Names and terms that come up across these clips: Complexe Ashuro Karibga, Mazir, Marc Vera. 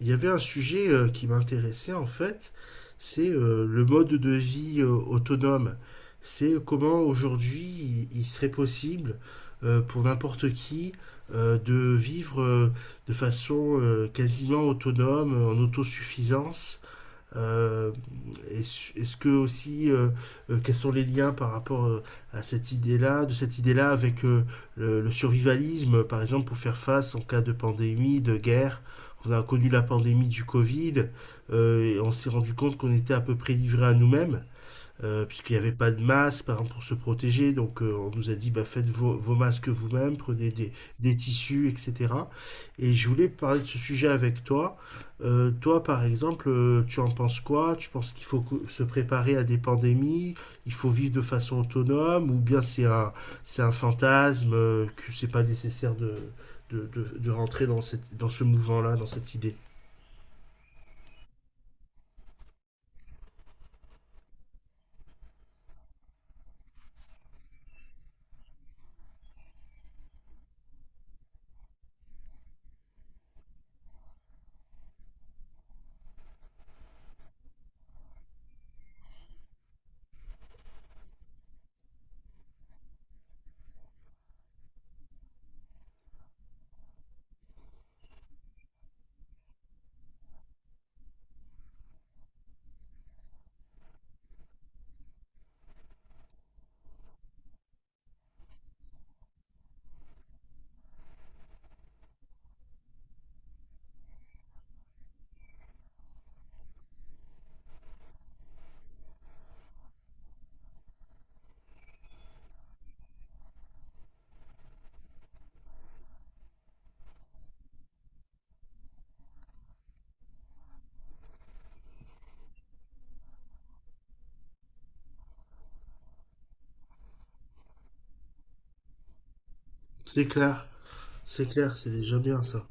Il y avait un sujet qui m'intéressait en fait, c'est le mode de vie autonome. C'est comment aujourd'hui il serait possible pour n'importe qui de vivre de façon quasiment autonome, en autosuffisance, euh, est-ce que aussi, quels sont les liens par rapport à cette idée-là, de cette idée-là avec le survivalisme, par exemple, pour faire face en cas de pandémie, de guerre. On a connu la pandémie du Covid et on s'est rendu compte qu'on était à peu près livré à nous-mêmes puisqu'il n'y avait pas de masque par exemple, pour se protéger. Donc on nous a dit bah, faites vos masques vous-même, prenez des tissus, etc. Et je voulais parler de ce sujet avec toi. Toi, par exemple, tu en penses quoi? Tu penses qu'il faut se préparer à des pandémies? Il faut vivre de façon autonome? Ou bien c'est un fantasme que c'est pas nécessaire de rentrer dans ce mouvement-là, dans cette idée. C'est clair, c'est clair, c'est déjà bien ça.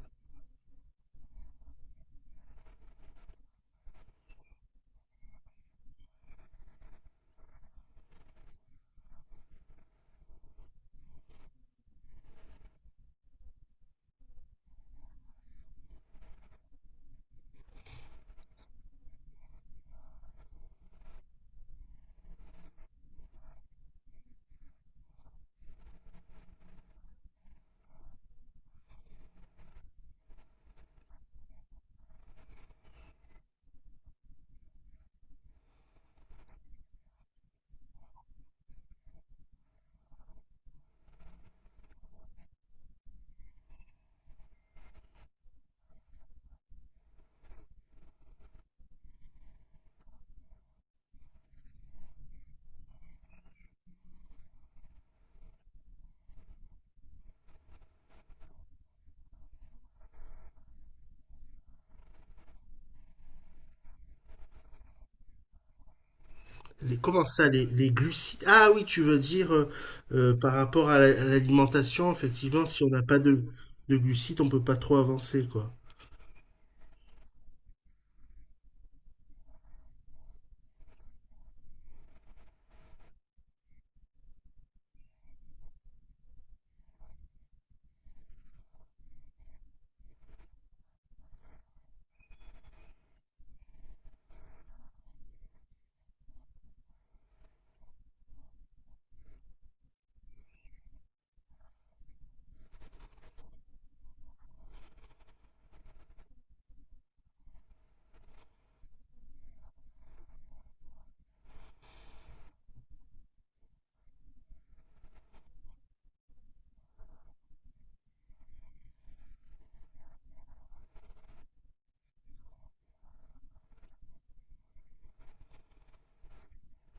Les, comment ça, les glucides? Ah oui, tu veux dire par rapport à à l'alimentation, effectivement, si on n'a pas de, de glucides, on peut pas trop avancer, quoi.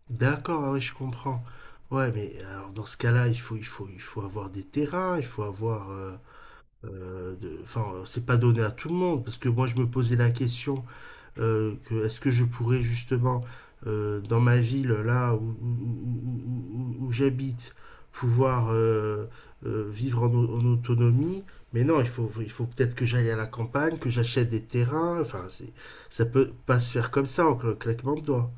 D'accord, ah oui, je comprends. Ouais, mais alors dans ce cas-là, il faut avoir des terrains, il faut avoir, enfin, c'est pas donné à tout le monde, parce que moi, je me posais la question. Que est-ce que je pourrais justement dans ma ville là où j'habite pouvoir vivre en autonomie, mais non, il faut peut-être que j'aille à la campagne, que j'achète des terrains, enfin c'est, ça peut pas se faire comme ça en cl claquement de doigts.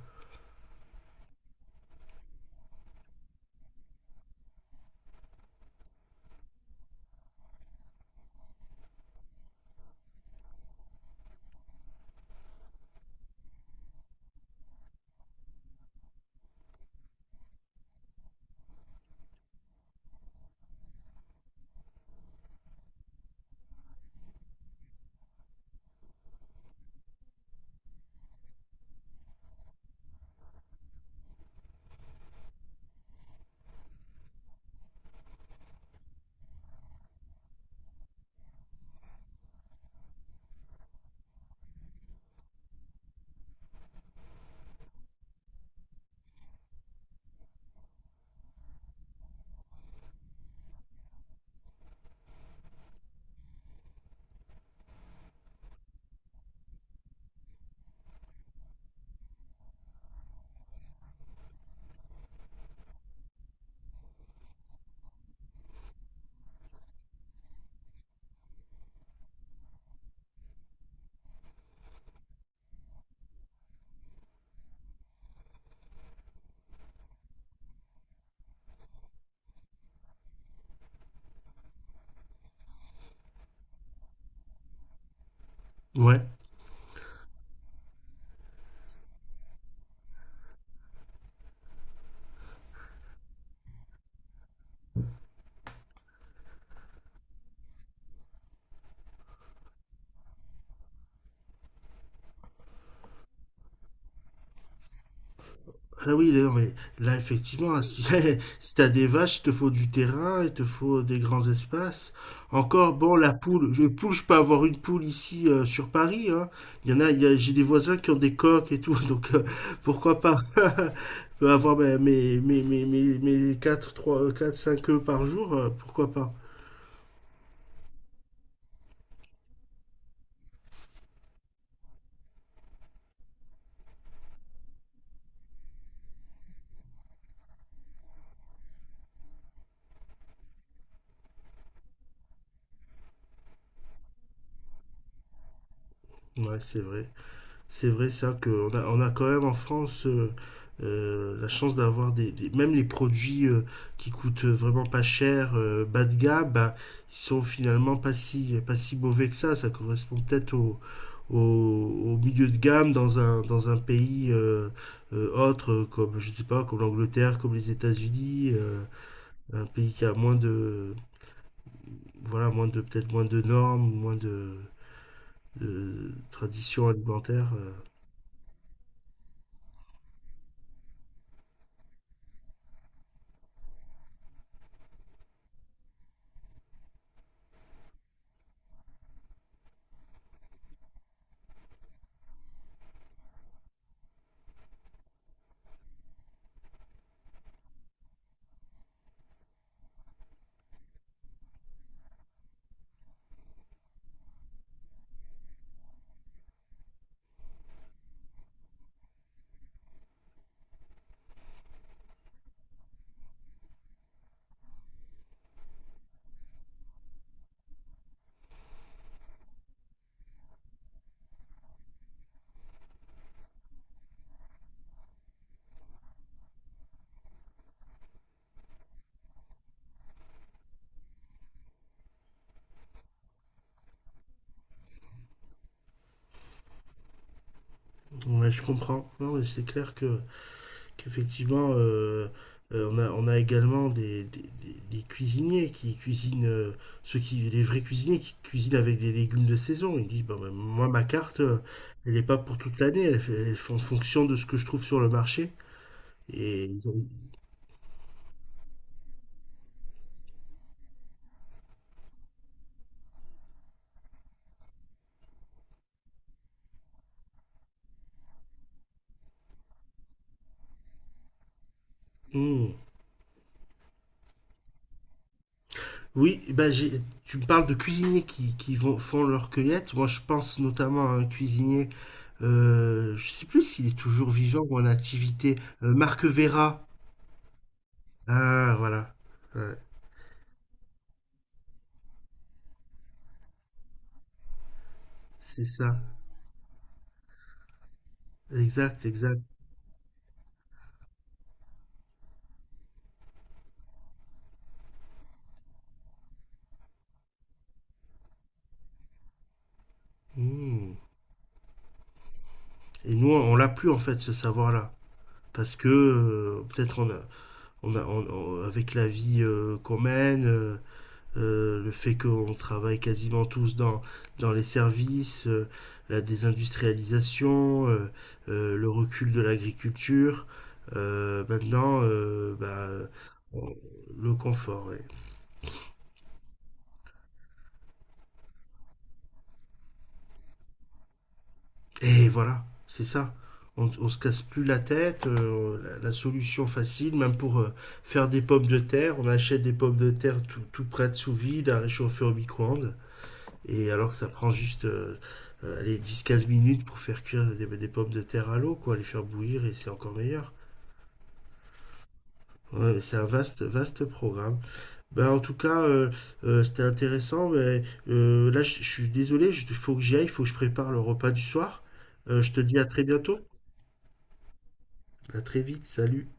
Ouais. Ah oui, là, non, mais là, effectivement, hein, si, si t'as des vaches, il te faut du terrain, il te faut des grands espaces. Encore, bon, la poule, je peux avoir une poule ici sur Paris, hein. Il y en a, il y a- j'ai des voisins qui ont des coques et tout, donc pourquoi pas? Je peux avoir mes 4 3 4 5 œufs par jour, pourquoi pas? Ouais, c'est vrai. C'est vrai ça, qu'on a, on a quand même en France la chance d'avoir des- même les produits qui coûtent vraiment pas cher, bas de gamme, bah, ils sont finalement pas si mauvais que ça. Ça correspond peut-être au milieu de gamme dans dans un pays autre, comme je sais pas, comme l'Angleterre, comme les États-Unis, un pays qui a moins de, voilà, moins de, peut-être moins de normes, moins de traditions alimentaires. Ouais, je comprends. Non, mais c'est clair que qu'effectivement, on a également des cuisiniers qui cuisinent, ceux qui, les vrais cuisiniers qui cuisinent avec des légumes de saison. Ils disent, bah, bah, moi, ma carte, elle n'est pas pour toute l'année, elle fait en fonction de ce que je trouve sur le marché. Et ils ont-. Hmm. Oui, bah, j'ai- tu me parles de cuisiniers qui vont, font leur cueillette. Moi, je pense notamment à un cuisinier, je sais plus s'il est toujours vivant ou en activité, Marc Vera. Ah, voilà. Ouais, c'est ça. Exact, exact. Hmm. Et nous, on l'a plus en fait, ce savoir-là. Parce que peut-être on a, on a, on- on- avec la vie qu'on mène, le fait qu'on travaille quasiment tous dans les services, la désindustrialisation, le recul de l'agriculture, maintenant, bah, on-, le confort. Ouais. Et voilà, c'est ça. On se casse plus la tête. La, la solution facile, même pour faire des pommes de terre, on achète des pommes de terre tout prêtes sous vide à réchauffer au micro-ondes. Et alors que ça prend juste allez, 10-15 minutes pour faire cuire des pommes de terre à l'eau, quoi, les faire bouillir et c'est encore meilleur. Ouais, c'est un vaste, vaste programme. Ben, en tout cas, c'était intéressant. Mais, là, je suis désolé, il faut que j'y aille, il faut que je prépare le repas du soir. Je te dis à très bientôt. À très vite, salut.